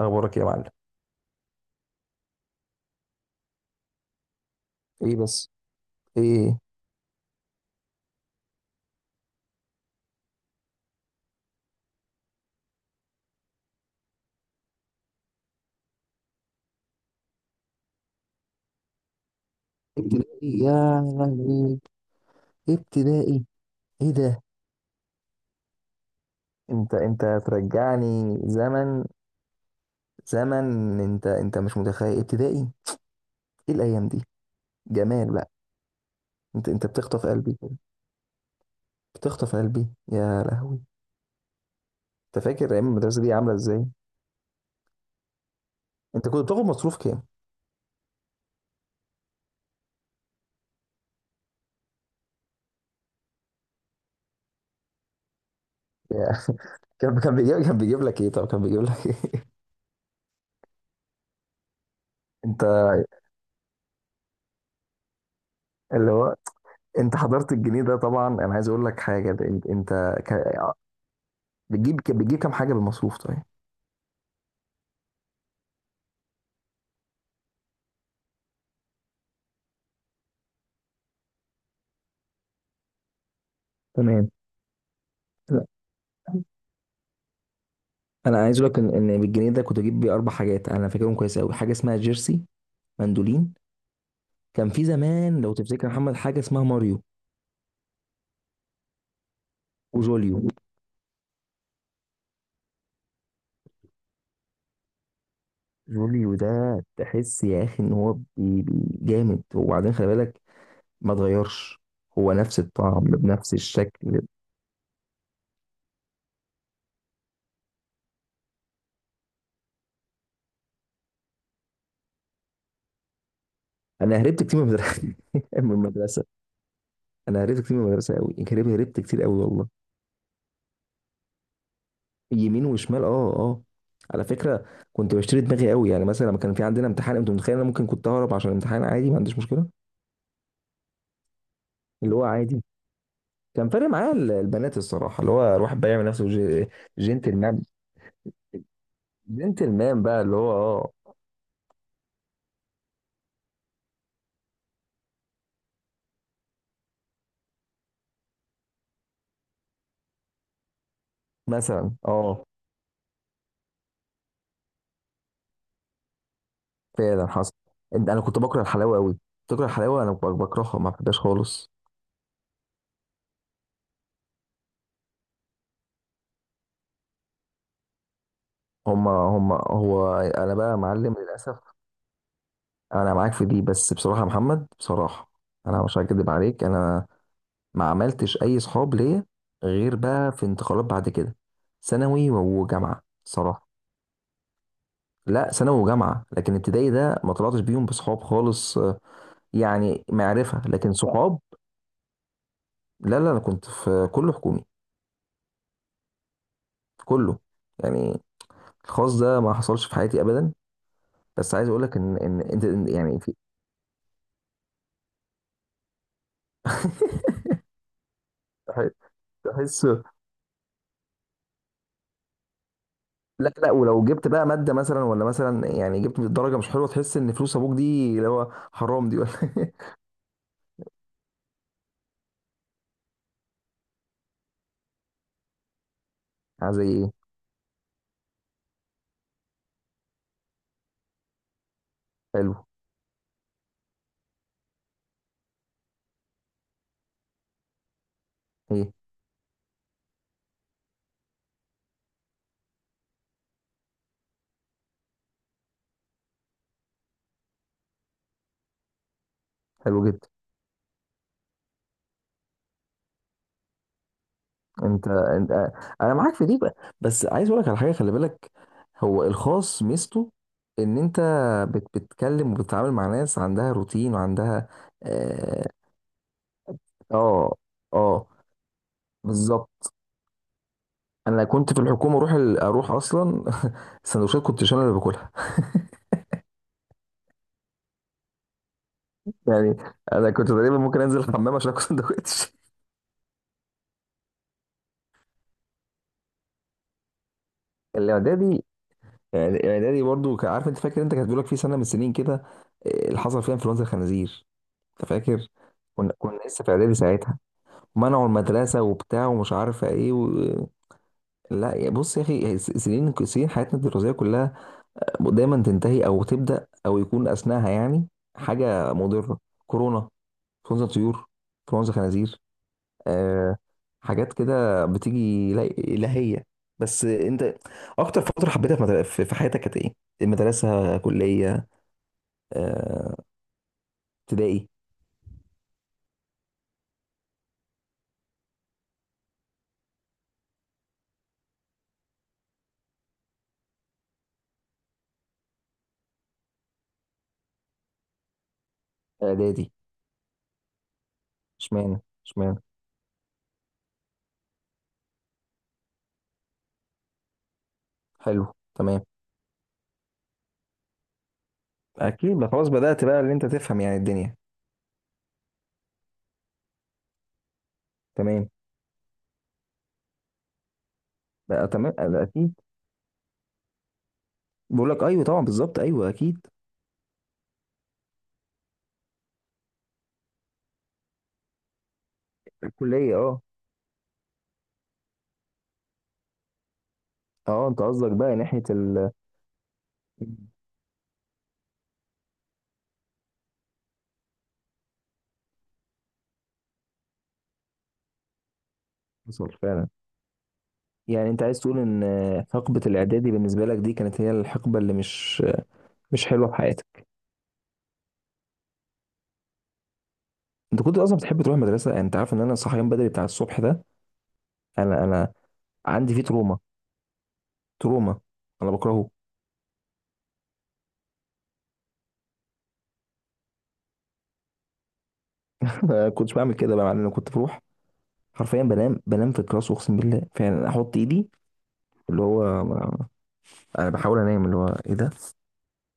اخبارك يا معلم. ايه بس؟ ايه؟ ابتدائي يا لهوي. ابتدائي. ايه ده؟ انت ترجعني زمن. زمن. انت مش متخيل ابتدائي. ايه الايام دي؟ جمال بقى. انت بتخطف قلبي كده، بتخطف قلبي. يا لهوي. انت فاكر ايام المدرسه دي عامله ازاي؟ انت كنت بتاخد مصروف كام؟ يا. كان بيجيب لك ايه؟ طب كان بيجيب لك ايه؟ انت. اللي هو انت حضرت الجنيه ده طبعا. انا عايز اقول لك حاجه. ده انت بتجيب كام حاجه بالمصروف؟ طيب. تمام. لا، انا عايز اقول لك ان بالجنيه ده كنت اجيب بيه اربع حاجات. انا فاكرهم كويس قوي. حاجه اسمها جيرسي، مندولين. كان في زمان لو تفتكر يا محمد حاجه اسمها ماريو وجوليو. جوليو ده تحس يا اخي ان هو جامد. وبعدين خلي بالك ما اتغيرش. هو نفس الطعم بنفس الشكل. انا هربت كتير من المدرسه. من المدرسه. انا هربت كتير من المدرسه قوي. هربت كتير قوي والله. يمين وشمال. اه اه. على فكره كنت بشتري دماغي قوي. يعني مثلا لما كان في عندنا امتحان، انت متخيل انا ممكن كنت اهرب عشان الامتحان؟ عادي، ما عنديش مشكله. اللي هو عادي. كان فارق معايا ال- البنات الصراحه، اللي هو الواحد بقى يعمل نفسه جنتلمان. جنتلمان بقى اللي هو اه. مثلا اه. فعلا حصل. انت- انا كنت بكره الحلاوه قوي. بتكره الحلاوه؟ انا بكرهها، ما بحبهاش خالص. هما هو. انا بقى معلم للاسف. انا معاك في دي. بس بصراحه يا محمد، بصراحه انا مش هكدب عليك. انا ما عملتش اي صحاب ليا غير بقى في انتقالات بعد كده، ثانوي وجامعه صراحه. لا، ثانوي وجامعه. لكن ابتدائي ده ما طلعتش بيهم بصحاب خالص يعني معرفه لكن صحاب. لا لا، انا كنت في كله حكومي. كله. يعني الخاص ده ما حصلش في حياتي ابدا. بس عايز اقول لك ان انت يعني في. تحس. لا لا، ولو جبت بقى ماده مثلا، ولا مثلا يعني جبت درجه مش حلوه، تحس ان فلوس ابوك دي اللي هو حرام دي ولا. زي ايه؟ حلو. ايه؟ حلو جدا. انت. انا معاك في دي بقى. بس عايز اقول لك على حاجه، خلي بالك. هو الخاص ميزته ان انت بت... بتتكلم وبتتعامل مع ناس عندها روتين وعندها. اه. اه. آه، بالظبط. انا كنت في الحكومه اروح ال... اروح اصلا. السندوتشات كنت انا اللي باكلها. يعني انا كنت تقريبا ممكن انزل الحمام عشان اكل سندوتش. الاعدادي. يعني الاعدادي برضو كان- عارف انت فاكر انت، كانت بيقول لك في سنه من السنين كده اللي حصل فيها انفلونزا الخنازير. انت فاكر؟ كنا لسه في اعدادي ساعتها. منعوا المدرسه وبتاع ومش عارفه ايه و... لا يا بص يا اخي، سنين، سنين حياتنا الدراسيه كلها دايما تنتهي او تبدا او يكون اثناءها يعني حاجه مضره. كورونا، انفلونزا طيور، انفلونزا خنازير. آه. حاجات كده بتيجي لا الهيه. بس انت، اكتر فتره حبيتها في في حياتك كانت ايه؟ المدرسه؟ كليه؟ آه، ابتدائي؟ اعدادي؟ اشمعنى؟ اشمعنى؟ حلو. تمام. اكيد بقى خلاص بدأت بقى اللي انت تفهم يعني الدنيا. تمام بقى. تمام بقى اكيد. بقول لك ايوه طبعا بالظبط ايوه اكيد. الكليه اه. اه انت قصدك بقى ناحيه ال. حصل فعلا. يعني انت عايز تقول ان حقبه الاعدادي بالنسبه لك دي كانت هي الحقبه اللي مش، مش حلوه في حياتك. انت كنت اصلا بتحب تروح المدرسه؟ يعني انت عارف ان انا صحيان بدري بتاع الصبح ده انا عندي فيه تروما. تروما. انا بكرهه. ما كنتش بعمل كده بقى، مع ان انا كنت بروح. حرفيا بنام في الكلاس، اقسم بالله. فعلا احط ايدي، اللي هو انا بحاول انام، اللي هو ايه ده؟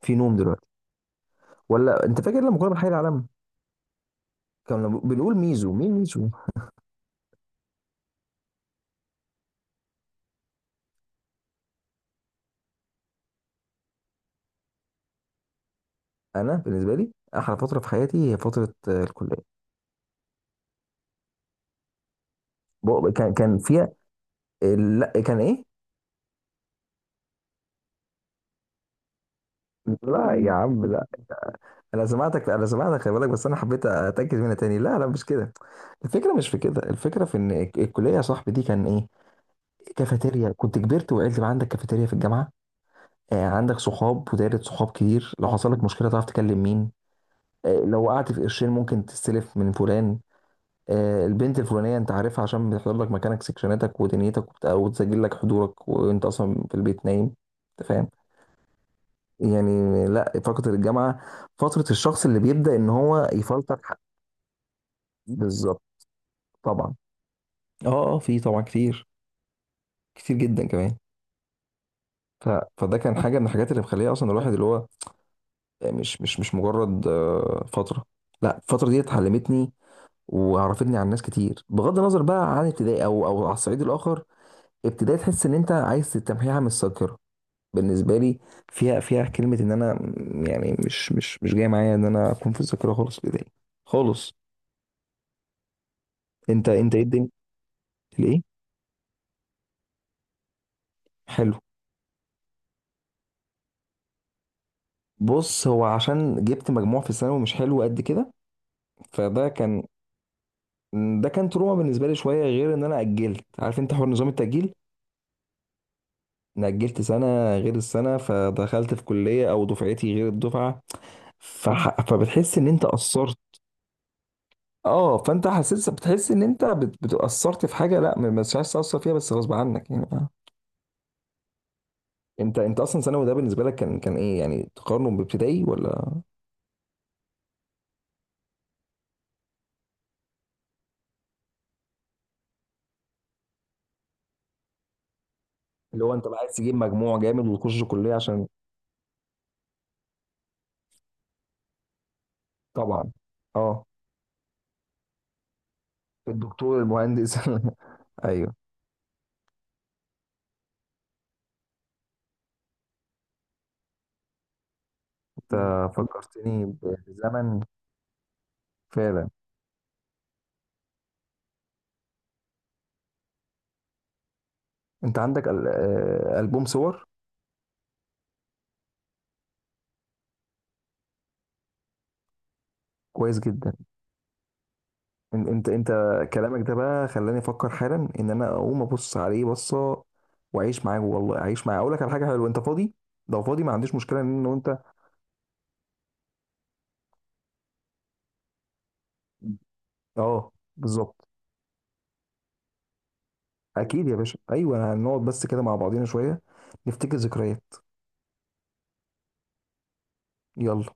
في نوم دلوقتي؟ ولا انت فاكر لما كنا بنحيي العالم؟ كنا بنقول ميزو، مين ميزو. انا بالنسبه لي احلى فتره في حياتي هي فتره الكليه. كان فيها. لا كان ايه. لا يا عم، لا. انا سمعتك، انا سمعتك، خلي بالك. بس انا حبيت اتاكد منها تاني. لا لا مش كده. الفكره مش في كده. الفكره في ان الكليه يا صاحبي دي كان ايه. كافيتيريا. كنت كبرت وعقلت بقى. عندك كافيتيريا في الجامعه. عندك صحاب ودايره صحاب كتير. لو حصل لك مشكله تعرف تكلم مين. لو وقعت في قرشين ممكن تستلف من فلان. البنت الفلانيه انت عارفها عشان بتحضر لك مكانك سكشناتك ودنيتك وتسجل لك حضورك وانت اصلا في البيت نايم. انت فاهم. يعني لا، فتره الجامعه فتره الشخص اللي بيبدا ان هو يفلتر. بالظبط. طبعا. اه اه في طبعا كتير. كتير جدا كمان. ف... فده كان حاجه من الحاجات اللي مخليه اصلا الواحد اللي هو مش مجرد فتره. لا الفتره دي اتعلمتني وعرفتني عن ناس كتير، بغض النظر بقى عن ابتدائي او او على الصعيد الاخر. ابتدائي تحس ان انت عايز تمحيها من الذاكره بالنسبه لي. فيها، فيها كلمه ان انا يعني مش جاي معايا ان انا اكون في الذاكره خالص في ابتدائي. خالص. انت انت ايه الدنيا. الايه. حلو. بص، هو عشان جبت مجموع في الثانوي مش حلو قد كده، فده كان، ده كان تروما بالنسبه لي شويه. غير ان انا اجلت، عارف انت حوار نظام التاجيل. انا اجلت سنه غير السنه فدخلت في كليه او دفعتي غير الدفعه. فح... فبتحس ان انت قصرت. اه فانت حسيت، بتحس ان انت بتأثرت في حاجه، لا ما مش عايز تأثر فيها بس غصب عنك يعني آه. انت انت اصلا ثانوي ده بالنسبه لك كان ايه يعني تقارنه بابتدائي ولا. اللي هو انت بقى عايز تجيب مجموع جامد وتخش كليه عشان. طبعا. اه الدكتور المهندس. ايوه. انت فكرتني بزمن. فعلا. انت عندك ال- البوم صور. كويس جدا. انت انت كلامك ده بقى خلاني افكر حالا ان انا اقوم ابص عليه بصه واعيش معاه، والله اعيش معاه. اقول لك على حاجه حلوه، انت فاضي؟ لو فاضي ما عنديش مشكله ان انت. اه بالظبط. اكيد يا باشا ايوه هنقعد بس كده مع بعضينا شويه نفتكر ذكريات. يلا.